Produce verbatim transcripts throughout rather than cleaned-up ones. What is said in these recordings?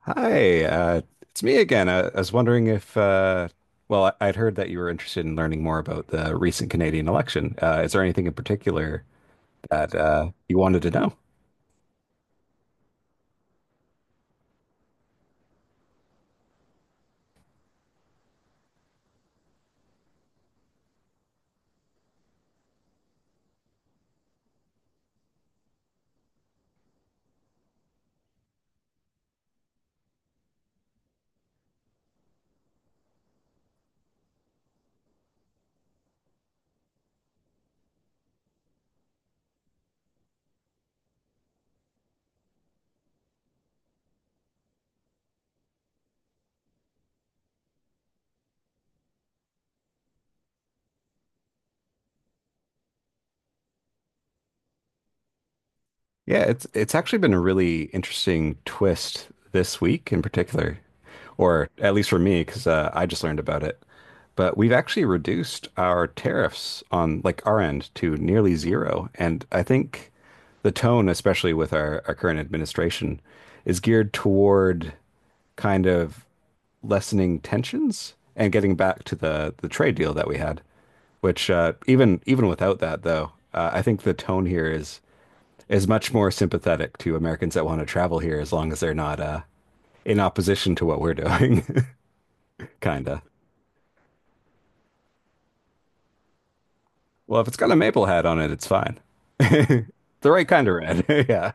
Hi, uh, it's me again. I, I was wondering if, uh, well, I, I'd heard that you were interested in learning more about the recent Canadian election. Uh, is there anything in particular that uh, you wanted to know? Yeah, it's it's actually been a really interesting twist this week in particular, or at least for me, because uh, I just learned about it. But we've actually reduced our tariffs on like our end to nearly zero, and I think the tone, especially with our, our current administration, is geared toward kind of lessening tensions and getting back to the the trade deal that we had. Which uh, even even without that, though, uh, I think the tone here is is much more sympathetic to Americans that want to travel here as long as they're not uh, in opposition to what we're doing. Kinda. Well, if it's got a maple hat on it, it's fine. The right kind of red. Yeah.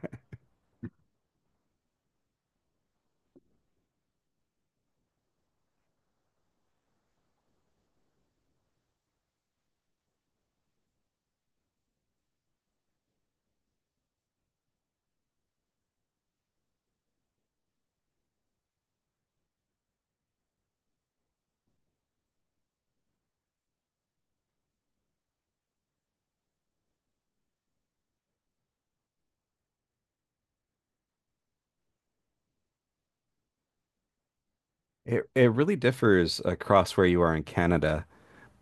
It it really differs across where you are in Canada,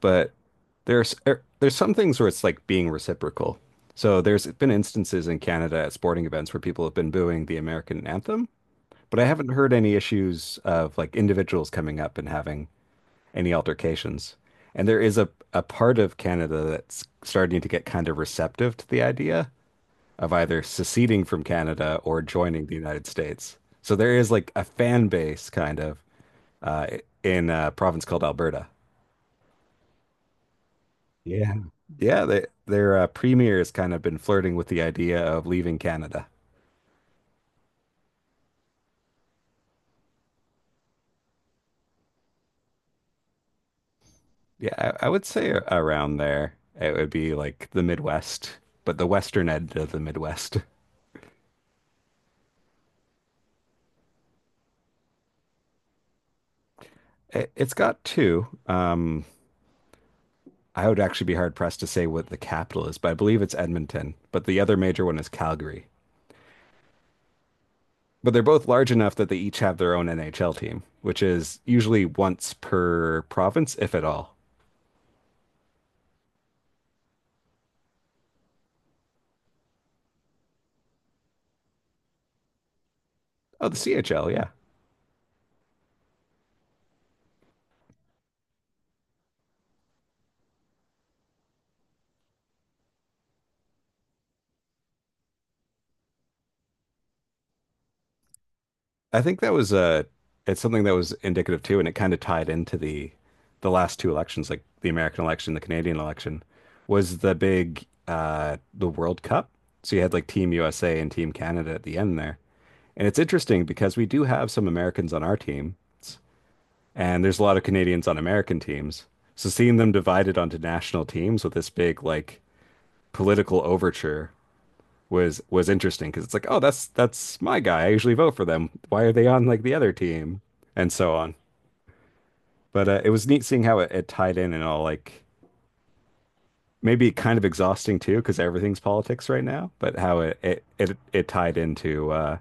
but there's er, there's some things where it's like being reciprocal. So there's been instances in Canada at sporting events where people have been booing the American anthem, but I haven't heard any issues of like individuals coming up and having any altercations. And there is a, a part of Canada that's starting to get kind of receptive to the idea of either seceding from Canada or joining the United States. So there is like a fan base kind of uh, in a province called Alberta. Yeah. Yeah, they, their uh, premier has kind of been flirting with the idea of leaving Canada. Yeah, I, I would say around there. It would be like the Midwest, but the western end of the Midwest. It, it's got two. Um, I would actually be hard pressed to say what the capital is, but I believe it's Edmonton. But the other major one is Calgary. But they're both large enough that they each have their own N H L team, which is usually once per province, if at all. Oh, the C H L, yeah. I think that was uh it's something that was indicative too, and it kind of tied into the the last two elections, like the American election, the Canadian election, was the big uh the World Cup. So you had like Team U S A and Team Canada at the end there. And it's interesting because we do have some Americans on our teams, and there's a lot of Canadians on American teams. So seeing them divided onto national teams with this big like political overture was was interesting because it's like, oh, that's that's my guy. I usually vote for them. Why are they on like the other team? And so on. But uh, it was neat seeing how it, it tied in and all like maybe kind of exhausting too because everything's politics right now. But how it it it, it tied into uh,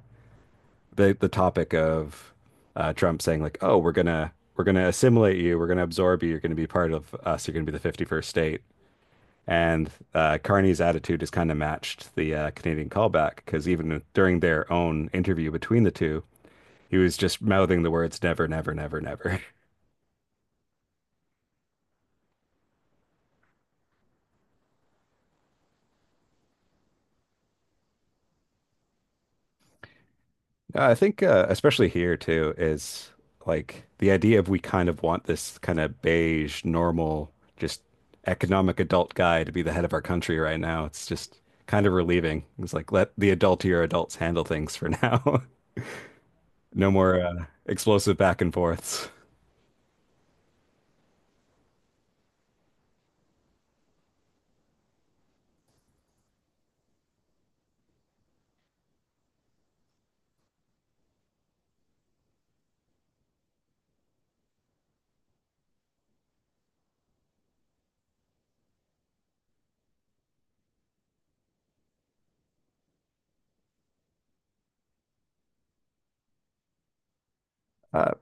the the topic of uh, Trump saying like, oh, we're gonna we're gonna assimilate you, we're gonna absorb you, you're gonna be part of us, you're gonna be the fifty-first state. And uh, Carney's attitude is kind of matched the uh, Canadian callback because even during their own interview between the two, he was just mouthing the words never, never, never, never. I think, uh, especially here too, is like the idea of we kind of want this kind of beige, normal, just economic adult guy to be the head of our country right now. It's just kind of relieving. It's like let the adultier adults handle things for now. No more uh, explosive back and forths. Uh,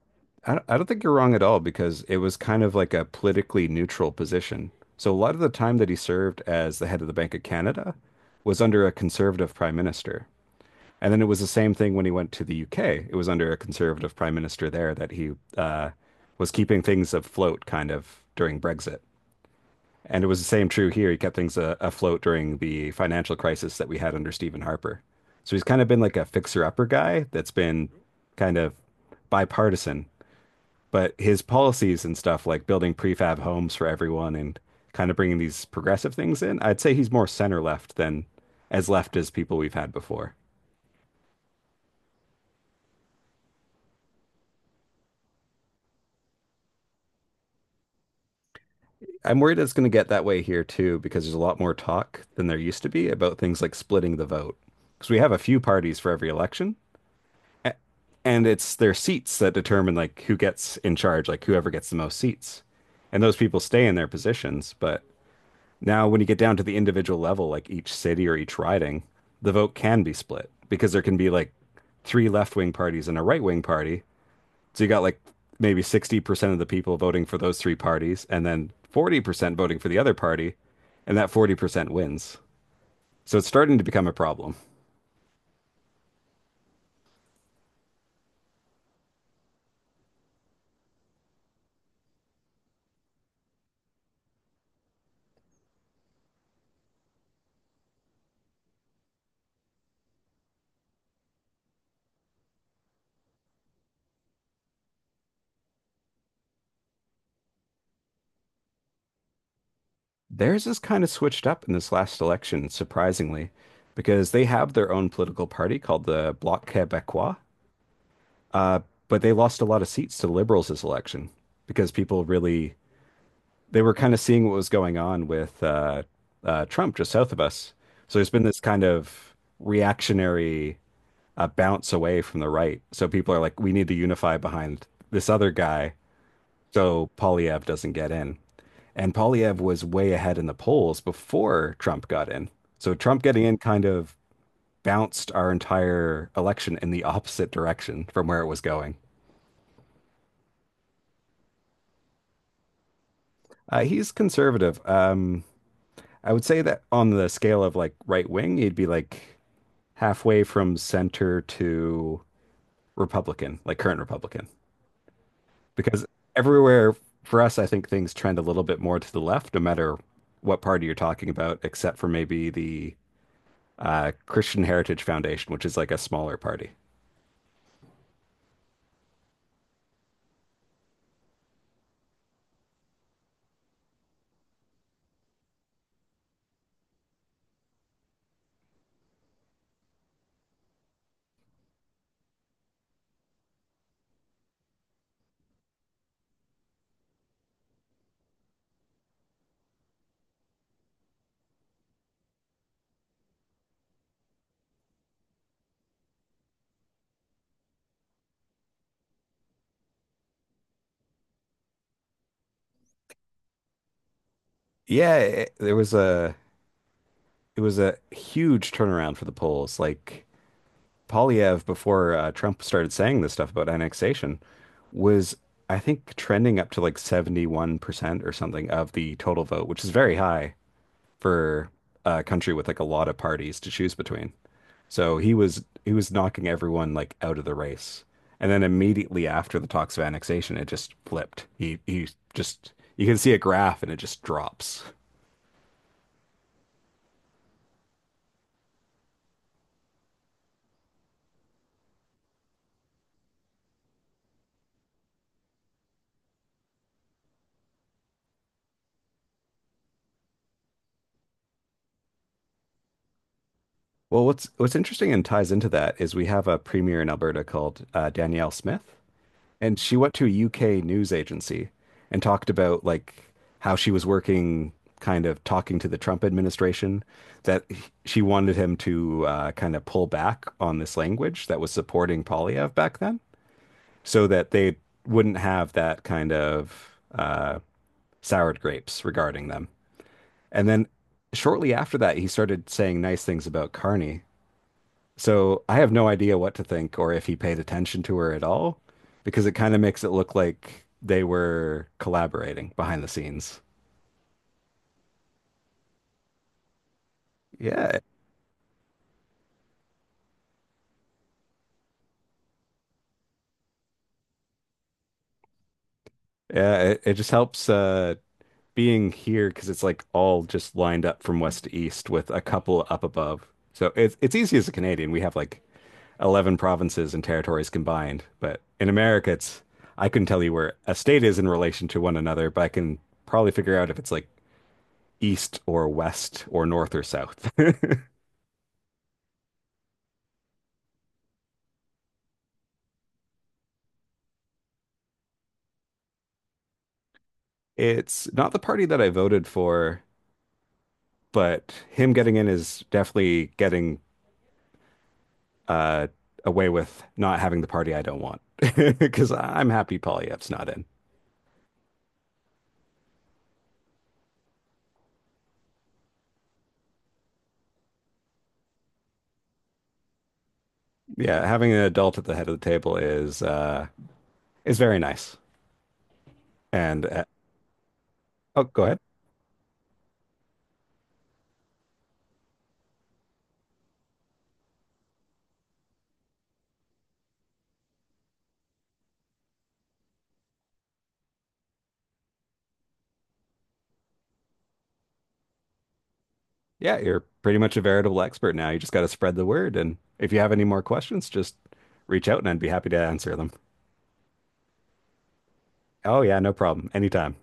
I don't, I don't think you're wrong at all because it was kind of like a politically neutral position. So a lot of the time that he served as the head of the Bank of Canada was under a conservative prime minister. And then it was the same thing when he went to the U K. It was under a conservative prime minister there that he uh, was keeping things afloat kind of during Brexit. And it was the same true here. He kept things uh, afloat during the financial crisis that we had under Stephen Harper. So he's kind of been like a fixer-upper guy that's been kind of bipartisan, but his policies and stuff like building prefab homes for everyone and kind of bringing these progressive things in, I'd say he's more center left than as left as people we've had before. I'm worried it's going to get that way here too because there's a lot more talk than there used to be about things like splitting the vote. Because we have a few parties for every election, and it's their seats that determine like who gets in charge, like whoever gets the most seats. And those people stay in their positions, but now, when you get down to the individual level, like each city or each riding, the vote can be split because there can be like three left wing parties and a right wing party. So you got like maybe sixty percent of the people voting for those three parties and then forty percent voting for the other party, and that forty percent wins. So it's starting to become a problem. Theirs is kind of switched up in this last election, surprisingly, because they have their own political party called the Bloc Québécois, uh, but they lost a lot of seats to Liberals this election because people really they were kind of seeing what was going on with uh, uh, Trump just south of us. So there's been this kind of reactionary uh, bounce away from the right. So people are like, we need to unify behind this other guy so Polyev doesn't get in. And Polyev was way ahead in the polls before Trump got in. So Trump getting in kind of bounced our entire election in the opposite direction from where it was going. Uh, he's conservative. Um, I would say that on the scale of like right wing, he'd be like halfway from center to Republican, like current Republican. Because everywhere for us, I think things trend a little bit more to the left, no matter what party you're talking about, except for maybe the uh, Christian Heritage Foundation, which is like a smaller party. Yeah, it, there was a it was a huge turnaround for the polls. Like Polyev, before uh, Trump started saying this stuff about annexation, was I think trending up to like seventy-one percent or something of the total vote, which is very high for a country with like a lot of parties to choose between. So he was he was knocking everyone like out of the race. And then immediately after the talks of annexation, it just flipped. He he just you can see a graph and it just drops. Well, what's what's interesting and ties into that is we have a premier in Alberta called uh, Danielle Smith. And she went to a U K news agency and talked about like how she was working, kind of talking to the Trump administration, that he- she wanted him to uh, kind of pull back on this language that was supporting Polyev back then, so that they wouldn't have that kind of uh, soured grapes regarding them. And then shortly after that, he started saying nice things about Carney. So I have no idea what to think or if he paid attention to her at all, because it kind of makes it look like they were collaborating behind the scenes. Yeah, yeah, it, it just helps uh being here because it's like all just lined up from west to east with a couple up above. So it's it's easy as a Canadian. We have like eleven provinces and territories combined, but in America it's I couldn't tell you where a state is in relation to one another, but I can probably figure out if it's like east or west or north or south. It's not the party that I voted for, but him getting in is definitely getting uh, away with not having the party I don't want. Because I'm happy Polyef's not in. Yeah, having an adult at the head of the table is uh, is very nice. And uh, oh, go ahead. Yeah, you're pretty much a veritable expert now. You just got to spread the word. And if you have any more questions, just reach out and I'd be happy to answer them. Oh yeah, no problem. Anytime.